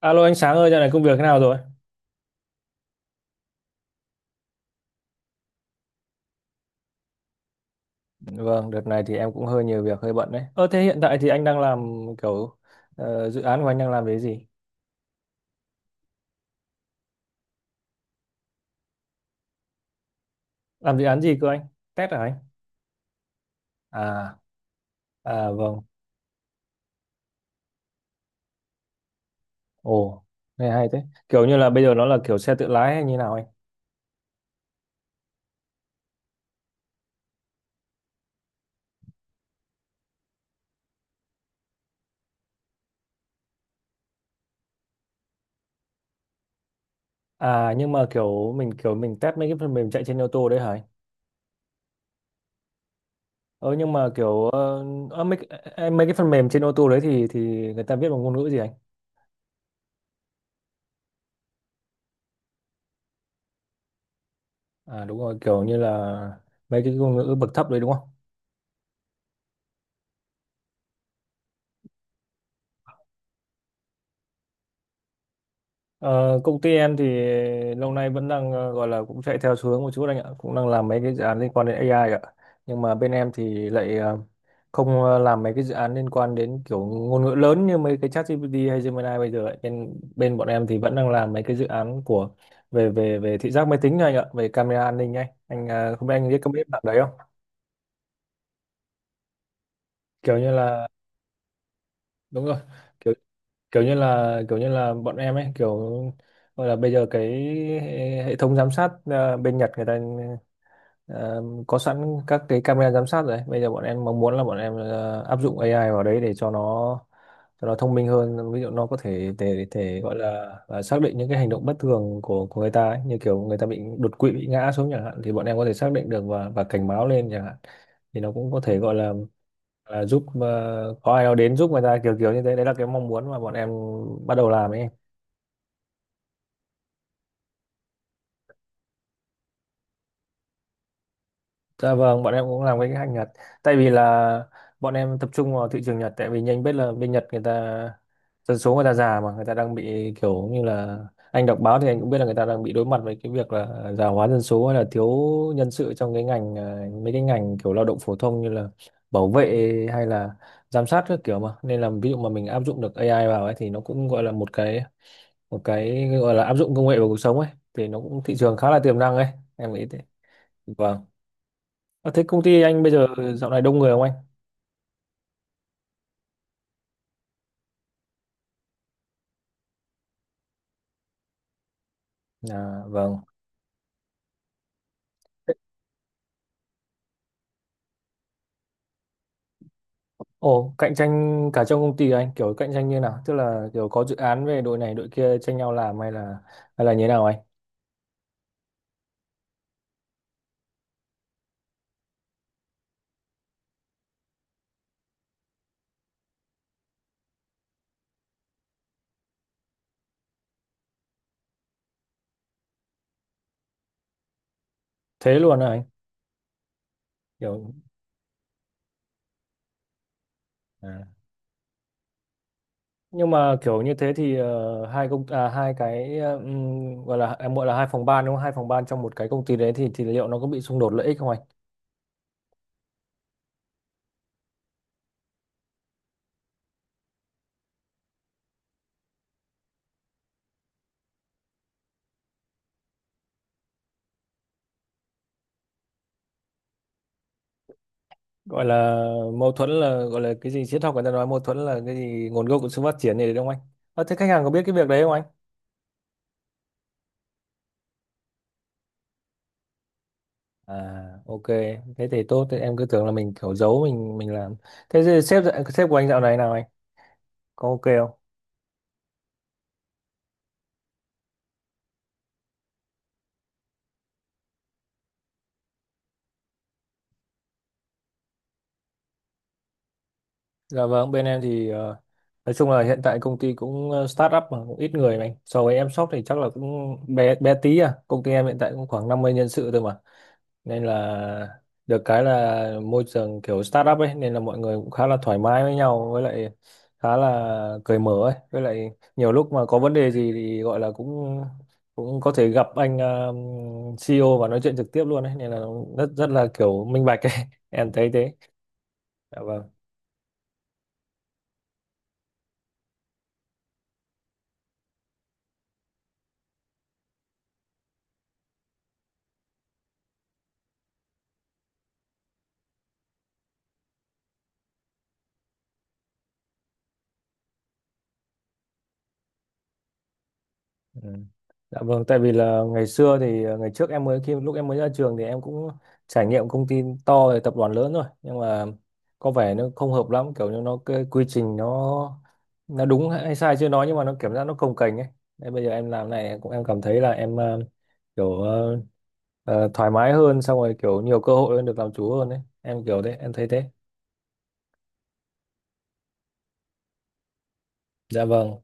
Alo anh Sáng ơi, dạo này công việc thế nào rồi? Vâng, đợt này thì em cũng hơi nhiều việc, hơi bận đấy. Ơ thế hiện tại thì anh đang làm kiểu dự án của anh đang làm cái gì? Làm dự án gì cơ anh? Test hả anh? À, à vâng. Ồ, nghe hay thế. Kiểu như là bây giờ nó là kiểu xe tự lái hay như nào anh? À nhưng mà kiểu mình test mấy cái phần mềm chạy trên ô tô đấy hả anh? Ờ nhưng mà kiểu ờ, ờ, mấy, cái- em- Mấy cái phần mềm trên ô tô đấy thì người ta viết bằng ngôn ngữ gì anh? À đúng rồi, kiểu như là mấy cái ngôn ngữ bậc thấp đấy đúng không? Ờ, công ty em thì lâu nay vẫn đang gọi là cũng chạy theo xu hướng một chút anh ạ, cũng đang làm mấy cái dự án liên quan đến AI ạ. Nhưng mà bên em thì lại không làm mấy cái dự án liên quan đến kiểu ngôn ngữ lớn như mấy cái ChatGPT hay Gemini bây giờ ấy. Bên bên bọn em thì vẫn đang làm mấy cái dự án của về về về thị giác máy tính thôi anh ạ, về camera an ninh ấy. Không biết anh có biết bạn đấy không? Kiểu như là đúng rồi. Kiểu như là bọn em ấy kiểu gọi là bây giờ cái hệ hệ thống giám sát bên Nhật người ta ờ, có sẵn các cái camera giám sát rồi ấy. Bây giờ bọn em mong muốn là bọn em áp dụng AI vào đấy để cho nó thông minh hơn, ví dụ nó có thể thể thể gọi là xác định những cái hành động bất thường của người ta ấy. Như kiểu người ta bị đột quỵ, bị ngã xuống chẳng hạn, thì bọn em có thể xác định được và cảnh báo lên chẳng hạn. Thì nó cũng có thể gọi là giúp, có ai đó đến giúp người ta kiểu kiểu như thế, đấy là cái mong muốn mà bọn em bắt đầu làm ấy. Dạ vâng, bọn em cũng làm cái hàng Nhật. Tại vì là bọn em tập trung vào thị trường Nhật, tại vì nhanh biết là bên Nhật người ta dân số người ta già mà người ta đang bị kiểu như là, anh đọc báo thì anh cũng biết là người ta đang bị đối mặt với cái việc là già hóa dân số hay là thiếu nhân sự trong cái ngành mấy cái ngành kiểu lao động phổ thông như là bảo vệ hay là giám sát các kiểu mà. Nên là ví dụ mà mình áp dụng được AI vào ấy thì nó cũng gọi là một cái gọi là áp dụng công nghệ vào cuộc sống ấy, thì nó cũng thị trường khá là tiềm năng ấy, em nghĩ thế. Vâng. Ờ, thế công ty anh bây giờ dạo này đông người không anh? À, vâng. Thế, ồ, cạnh tranh cả trong công ty à anh, kiểu cạnh tranh như nào? Tức là kiểu có dự án về đội này đội kia tranh nhau làm hay là như thế nào anh? Thế luôn hả anh? Kiểu à, nhưng mà kiểu như thế thì ờ, hai công à, hai cái ờ, gọi là em gọi là hai phòng ban đúng không? Hai phòng ban trong một cái công ty đấy thì liệu nó có bị xung đột lợi ích không anh? Gọi là mâu thuẫn là gọi là cái gì triết học, người ta nói mâu thuẫn là cái gì nguồn gốc của sự phát triển này đúng không anh? Ờ, thế khách hàng có biết cái việc đấy không anh? À, ok, thế thì tốt, thế em cứ tưởng là mình kiểu giấu mình làm. Thế thì sếp của anh dạo này nào anh? Có ok không? Dạ vâng, bên em thì nói chung là hiện tại công ty cũng start up mà cũng ít người mà anh. So với em shop thì chắc là cũng bé bé tí à. Công ty em hiện tại cũng khoảng 50 nhân sự thôi mà. Nên là được cái là môi trường kiểu startup ấy, nên là mọi người cũng khá là thoải mái với nhau, với lại khá là cởi mở ấy, với lại nhiều lúc mà có vấn đề gì thì gọi là cũng cũng có thể gặp anh CEO và nói chuyện trực tiếp luôn ấy, nên là rất rất là kiểu minh bạch ấy em thấy thế. Dạ vâng. Ừ. Dạ vâng, tại vì là ngày xưa thì ngày trước em khi em mới ra trường thì em cũng trải nghiệm công ty to rồi, tập đoàn lớn rồi, nhưng mà có vẻ nó không hợp lắm, kiểu như nó cái quy trình nó đúng hay sai chưa nói, nhưng mà nó cảm giác nó cồng kềnh ấy. Nên bây giờ em làm này em cũng em cảm thấy là em kiểu ờ, thoải mái hơn, xong rồi kiểu nhiều cơ hội hơn, được làm chủ hơn đấy. Em kiểu thế, em thấy thế. Dạ vâng,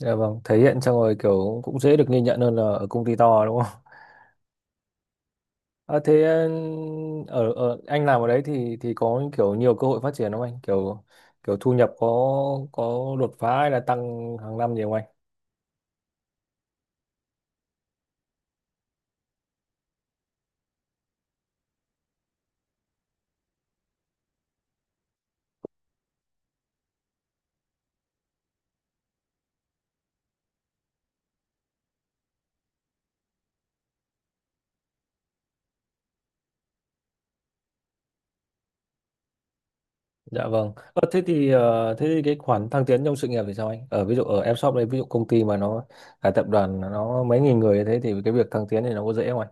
dạ vâng, thể hiện xong rồi kiểu cũng dễ được ghi nhận hơn là ở công ty to đúng không? Ờ, thế ờ, Ở anh làm ở đấy thì có kiểu nhiều cơ hội phát triển không anh? Kiểu kiểu thu nhập có đột phá hay là tăng hàng năm gì không anh? Dạ vâng. Thế thì cái khoản thăng tiến trong sự nghiệp thì sao anh? Ở ví dụ ở em shop đấy, ví dụ công ty mà nó là tập đoàn nó mấy nghìn người như thế thì cái việc thăng tiến thì nó có dễ không anh?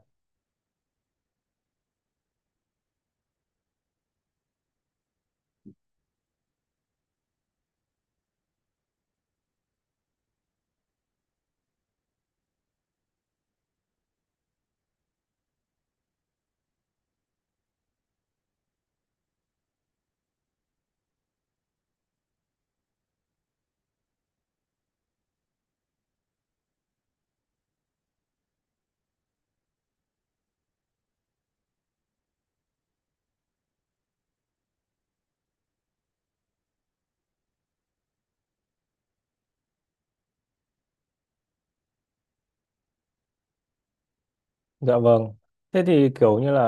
Dạ vâng. Thế thì kiểu như là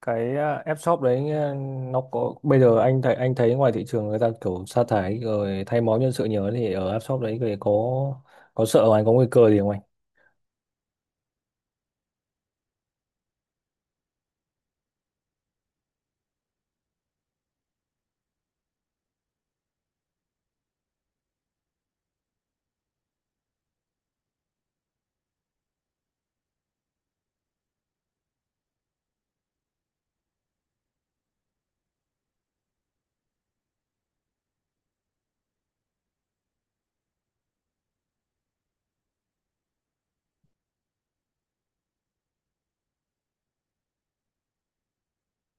cái à, app shop đấy à, nó có bây giờ anh thấy ngoài thị trường người ta kiểu sa thải rồi thay máu nhân sự nhiều ấy, thì ở app shop đấy thì có sợ không? Anh có nguy cơ gì không anh?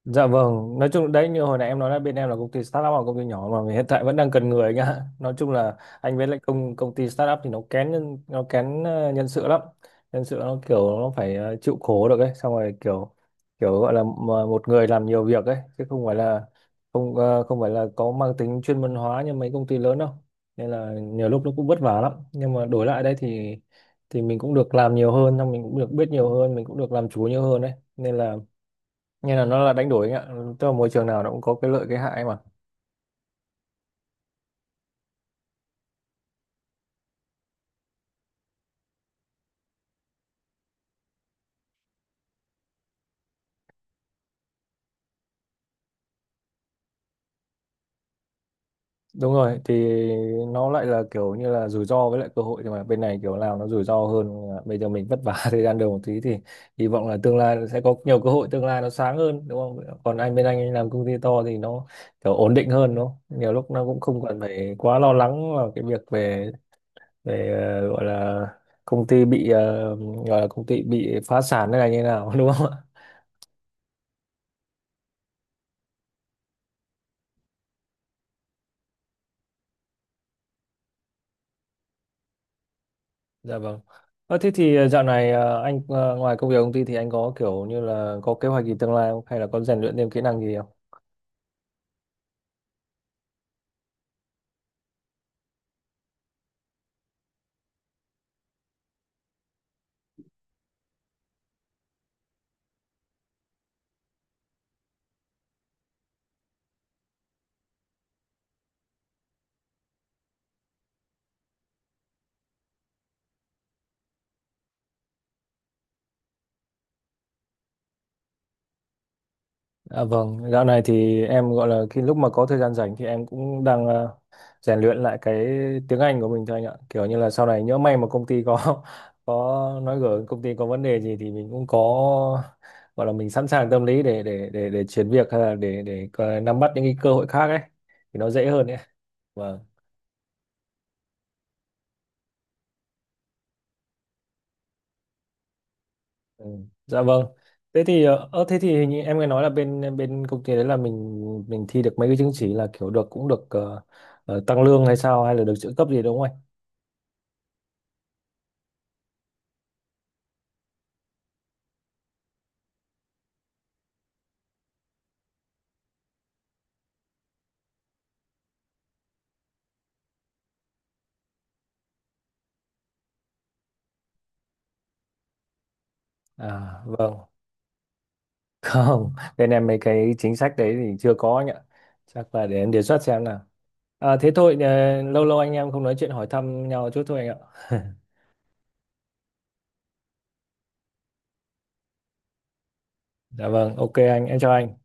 Dạ vâng, nói chung đấy như hồi nãy em nói là bên em là công ty startup hoặc công ty nhỏ mà hiện tại vẫn đang cần người anh ạ. Nói chung là anh với lại công công ty startup thì nó kén nhân nó kén nhân sự lắm. Nhân sự nó kiểu nó phải chịu khổ được ấy, xong rồi kiểu kiểu gọi là mà một người làm nhiều việc ấy, chứ không phải là không không phải là có mang tính chuyên môn hóa như mấy công ty lớn đâu. Nên là nhiều lúc nó cũng vất vả lắm, nhưng mà đổi lại đây thì mình cũng được làm nhiều hơn, xong mình cũng được biết nhiều hơn, mình cũng được làm chủ nhiều hơn đấy. Nên là như là nó là đánh đổi anh ạ, tức là môi trường nào nó cũng có cái lợi cái hại mà. Đúng rồi, thì nó lại là kiểu như là rủi ro với lại cơ hội, nhưng mà bên này kiểu nào nó rủi ro hơn. À, bây giờ mình vất vả thời gian đầu một tí thì hy vọng là tương lai sẽ có nhiều cơ hội, tương lai nó sáng hơn đúng không? Còn anh bên anh làm công ty to thì nó kiểu ổn định hơn đúng không? Nhiều lúc nó cũng không cần phải quá lo lắng vào cái việc về về ờ, gọi là công ty bị ờ, gọi là công ty bị phá sản hay là như nào đúng không? Dạ vâng. Ờ, thế thì ờ, dạo này ờ, anh ờ, ngoài công việc công ty thì anh có kiểu như là có kế hoạch gì tương lai không? Hay là có rèn luyện thêm kỹ năng gì không? À, vâng, dạo này thì em gọi là khi mà có thời gian rảnh thì em cũng đang rèn luyện lại cái tiếng Anh của mình thôi anh ạ. Kiểu như là sau này nhỡ may mà công ty có có nói gở công ty có vấn đề gì thì mình cũng có gọi là mình sẵn sàng tâm lý để chuyển việc hay là để nắm bắt những cái cơ hội khác ấy thì nó dễ hơn ấy. Vâng. Ừ. Dạ vâng. Thế thì hình như em nghe nói là bên bên công ty đấy là mình thi được mấy cái chứng chỉ là kiểu được cũng được ờ, ờ, tăng lương hay sao hay là được trợ cấp gì đúng không anh? À vâng. Không, bên em mấy cái chính sách đấy thì chưa có anh ạ. Chắc là để em đề xuất xem nào. À thế thôi lâu lâu anh em không nói chuyện hỏi thăm nhau chút thôi anh ạ. Dạ vâng, ok anh, em chào anh.